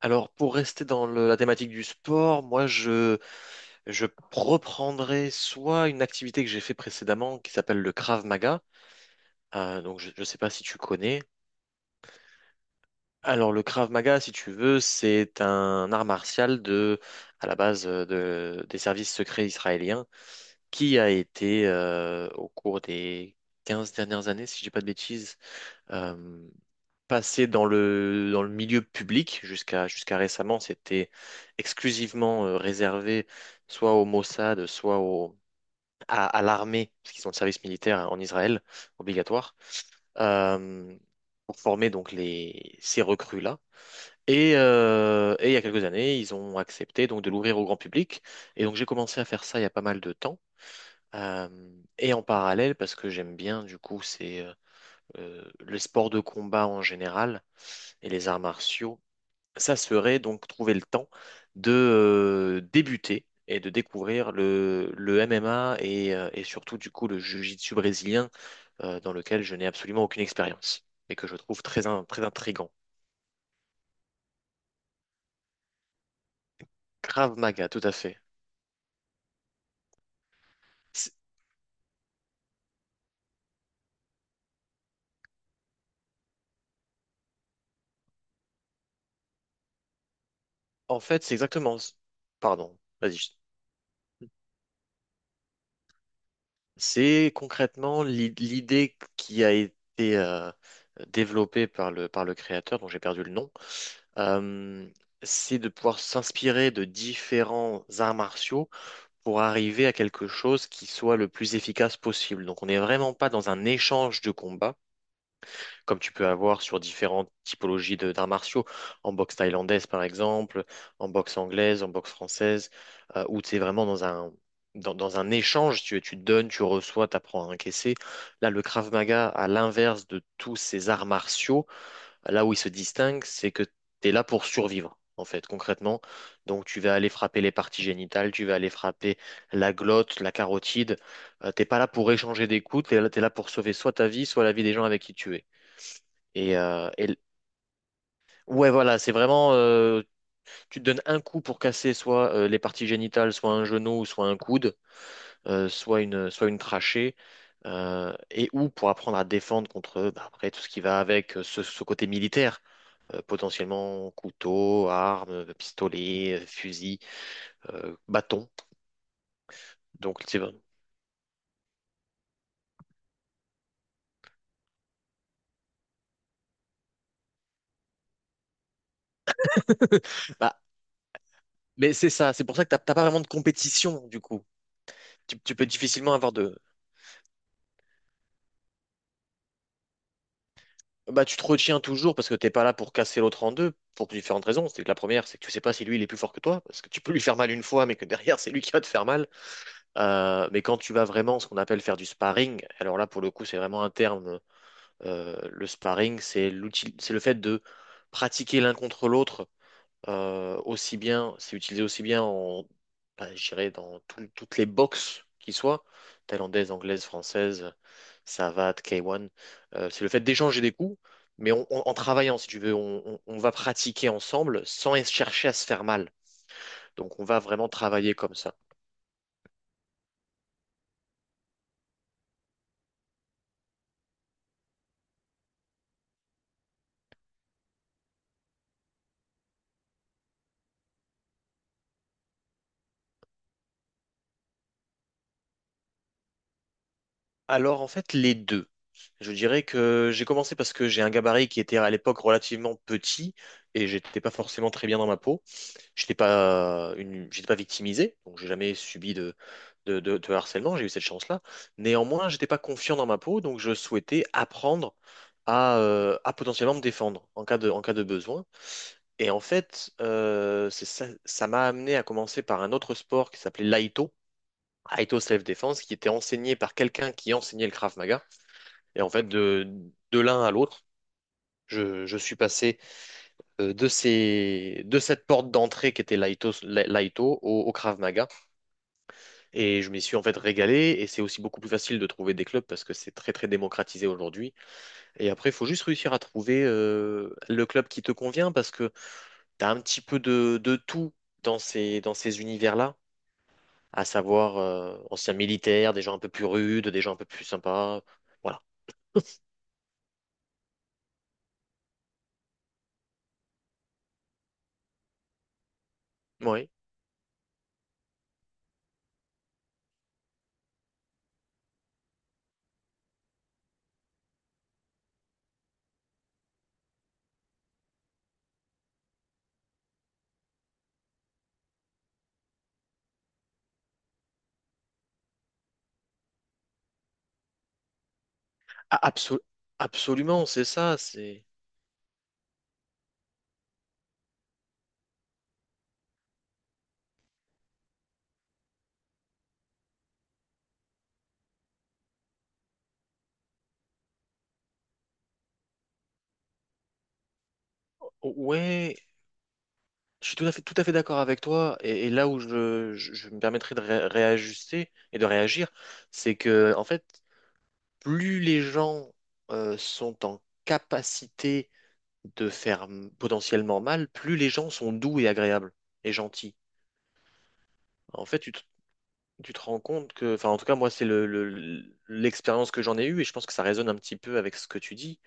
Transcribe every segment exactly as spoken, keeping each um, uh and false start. Alors, pour rester dans le- la thématique du sport, moi, je, je reprendrai soit une activité que j'ai fait précédemment qui s'appelle le Krav Maga. Euh, donc, je ne sais pas si tu connais. Alors, le Krav Maga, si tu veux, c'est un art martial de, à la base euh, de, des services secrets israéliens qui a été, euh, au cours des quinze dernières années, si je dis pas de bêtises, euh, passé dans le, dans le milieu public. Jusqu'à jusqu'à récemment, c'était exclusivement euh, réservé soit au Mossad, soit au, à, à l'armée, parce qu'ils ont le service militaire hein, en Israël obligatoire, euh, pour former donc les, ces recrues-là. Et, euh, et il y a quelques années, ils ont accepté donc de l'ouvrir au grand public. Et donc j'ai commencé à faire ça il y a pas mal de temps. Euh, et en parallèle, parce que j'aime bien du coup, c'est euh, euh, le sport de combat en général et les arts martiaux, ça serait donc trouver le temps de euh, débuter et de découvrir le, le M M A et, euh, et surtout du coup le jiu-jitsu brésilien, euh, dans lequel je n'ai absolument aucune expérience et que je trouve très, in- très intriguant. Krav Maga, tout à fait. C'est- En fait, c'est exactement... Pardon, vas-y. je- C'est concrètement l'i- l'idée qui a été euh, développée par le, par le créateur, dont j'ai perdu le nom. euh, c'est de pouvoir s'inspirer de différents arts martiaux pour arriver à quelque chose qui soit le plus efficace possible. Donc on n'est vraiment pas dans un échange de combat, comme tu peux avoir sur différentes typologies de d'arts martiaux, en boxe thaïlandaise par exemple, en boxe anglaise, en boxe française, euh, où tu es vraiment dans un, dans, dans un échange, tu, tu donnes, tu reçois, tu apprends à encaisser. Là, le Krav Maga, à l'inverse de tous ces arts martiaux, là où il se distingue, c'est que tu es là pour survivre, en fait, concrètement. Donc, tu vas aller frapper les parties génitales, tu vas aller frapper la glotte, la carotide. Euh, t'es pas là pour échanger des coups, t'es là, t'es là pour sauver soit ta vie, soit la vie des gens avec qui tu es. Et, euh, et l- ouais, voilà, c'est vraiment, euh, tu te donnes un coup pour casser soit euh, les parties génitales, soit un genou, soit un coude, euh, soit une, soit une trachée. Euh, et ou pour apprendre à défendre contre, bah, après, tout ce qui va avec euh, ce ce côté militaire, euh, potentiellement couteau, arme, pistolet, euh, fusil, euh, bâton. Donc, c'est vrai. Bah, mais c'est ça, c'est pour ça que t'as t'as pas vraiment de compétition, du coup. Tu, tu peux difficilement avoir de... Bah, tu te retiens toujours parce que t'es pas là pour casser l'autre en deux, pour différentes raisons. C'est que la première, c'est que tu sais pas si lui, il est plus fort que toi, parce que tu peux lui faire mal une fois, mais que derrière, c'est lui qui va te faire mal. Euh, mais quand tu vas vraiment, ce qu'on appelle faire du sparring, alors là, pour le coup, c'est vraiment un terme. Euh, le sparring, c'est l'outil, c'est le fait de pratiquer l'un contre l'autre. Euh, aussi bien, c'est utilisé aussi bien en, bah, je dirais dans tout- toutes les boxes qui soient, thaïlandaises, anglaises, françaises, Savate, K un. Euh, c'est le fait d'échanger des coups, mais on- on- en travaillant, si tu veux, on, on- on va pratiquer ensemble sans es- chercher à se faire mal. Donc on va vraiment travailler comme ça. Alors, en fait, les deux. Je dirais que j'ai commencé parce que j'ai un gabarit qui était à l'époque relativement petit et j'étais pas forcément très bien dans ma peau. J'étais pas une, j'étais pas victimisé, donc j'ai jamais subi de, de, de- de harcèlement, j'ai eu cette chance-là. Néanmoins, j'étais pas confiant dans ma peau, donc je souhaitais apprendre à, euh, à potentiellement me défendre en cas de, en cas de besoin. Et en fait, euh, c'est ça, ça m'a amené à commencer par un autre sport qui s'appelait l'Aïto, Aïto Self Defense, qui était enseigné par quelqu'un qui enseignait le Krav Maga. Et en fait, de, de l'un à l'autre, je, je suis passé euh, de ces, de cette porte d'entrée qui était Laito, La- Laito, au, au Krav Maga. Et je m'y suis en fait régalé. Et c'est aussi beaucoup plus facile de trouver des clubs parce que c'est très très démocratisé aujourd'hui. Et après, il faut juste réussir à trouver euh, le club qui te convient parce que tu as un petit peu de, de tout dans ces, dans ces univers-là, à savoir euh, anciens militaires, des gens un peu plus rudes, des gens un peu plus sympas. Voilà. Oui. Absolument, c'est ça. C'est. Oh, ouais, je suis tout à fait, tout à fait d'accord avec toi. Et, et là où je, je- je me permettrai de ré- réajuster et de réagir, c'est que, en fait, plus les gens euh, sont en capacité de faire m- potentiellement mal, plus les gens sont doux et agréables et gentils. En fait, tu te, tu te rends compte que, enfin, en tout cas, moi, c'est le, le- l'expérience que j'en ai eue, et je pense que ça résonne un petit peu avec ce que tu dis.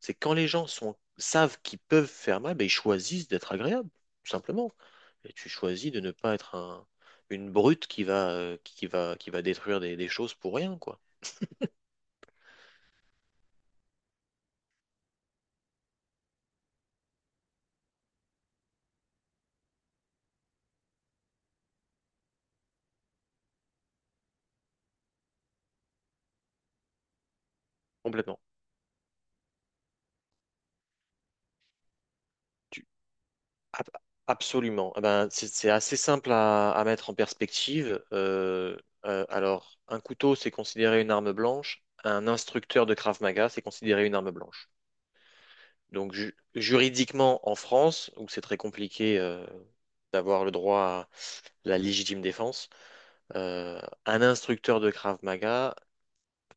C'est quand les gens sont, savent qu'ils peuvent faire mal, ben, ils choisissent d'être agréables, tout simplement. Et tu choisis de ne pas être un, une brute qui va, euh, qui va, qui va détruire des, des choses pour rien, quoi. Complètement. Tu- ab- Absolument. Eh ben, c'est c'est assez simple à, à mettre en perspective. Euh, euh, alors, un couteau, c'est considéré une arme blanche. Un instructeur de Krav Maga, c'est considéré une arme blanche. Donc, ju- juridiquement, en France, où c'est très compliqué, euh, d'avoir le droit à la légitime défense, euh, un instructeur de Krav Maga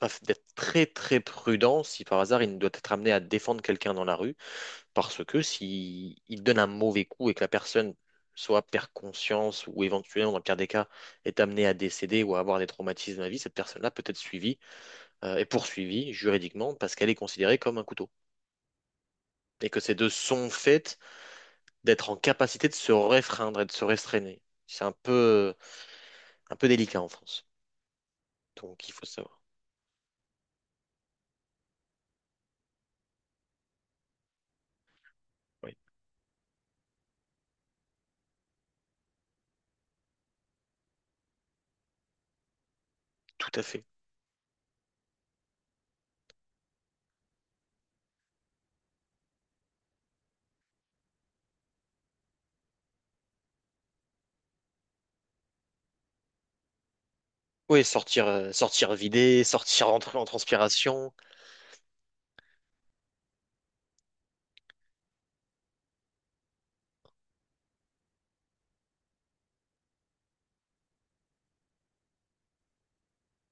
va f- d'être très très prudent si par hasard il doit être amené à défendre quelqu'un dans la rue, parce que si il donne un mauvais coup et que la personne soit perd conscience ou éventuellement dans le pire des cas est amenée à décéder ou à avoir des traumatismes à la vie, cette personne-là peut être suivie euh, et poursuivie juridiquement parce qu'elle est considérée comme un couteau et que ces deux sont faites d'être en capacité de se réfreindre et de se restreindre. C'est un peu un peu délicat en France, donc il faut savoir. Oui, tout à fait. Oui, sortir, euh, sortir vidé, sortir en, en transpiration,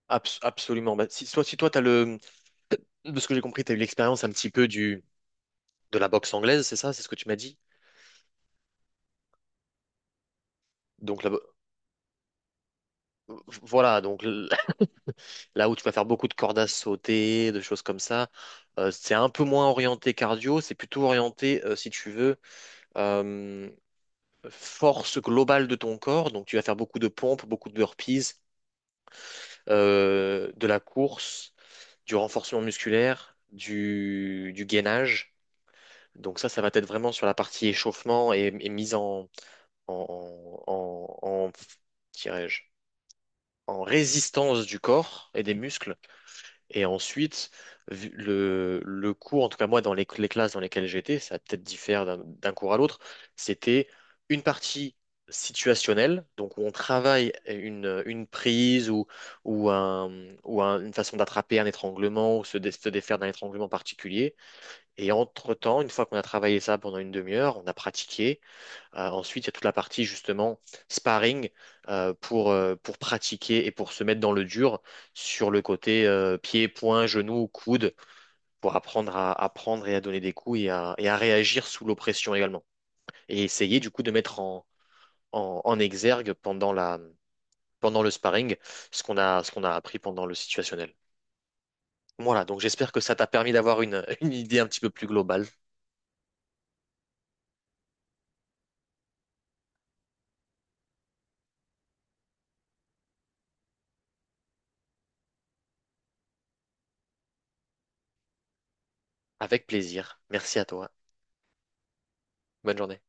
abs- absolument. Bah, si, soit si toi, t'as le, de ce que j'ai compris, tu as eu l'expérience un petit peu du, de la boxe anglaise, c'est ça? C'est ce que tu m'as dit? Donc la bo- voilà, donc l- là où tu vas faire beaucoup de cordes à sauter, de choses comme ça, euh, c'est un peu moins orienté cardio, c'est plutôt orienté, euh, si tu veux, euh, force globale de ton corps. Donc tu vas faire beaucoup de pompes, beaucoup de burpees, euh, de la course, du renforcement musculaire, du, du gainage. Donc ça, ça va être vraiment sur la partie échauffement et, et mise en, en, en, en, en- dirais-je, en résistance du corps et des muscles. Et ensuite, vu- le, le cours, en tout cas moi, dans les, les classes dans lesquelles j'étais, ça peut-être diffère d'un d'un cours à l'autre, c'était une partie situationnelle, donc où on travaille une, une prise ou, ou, un, ou un- une façon d'attraper un étranglement ou se, dé- se défaire d'un étranglement particulier. Et entre-temps, une fois qu'on a travaillé ça pendant une demi-heure, on a pratiqué. Euh, ensuite, il y a toute la partie justement sparring euh, pour, euh, pour pratiquer et pour se mettre dans le dur sur le côté euh, pied, poing, genou, coude, pour apprendre à, à prendre et à donner des coups et à, et à réagir sous l'oppression également. Et essayer du coup de mettre en, en, en exergue pendant la, pendant le sparring ce qu'on a, ce qu'on a appris pendant le situationnel. Voilà, donc j'espère que ça t'a permis d'avoir une, une idée un petit peu plus globale. Avec plaisir. Merci à toi. Bonne journée.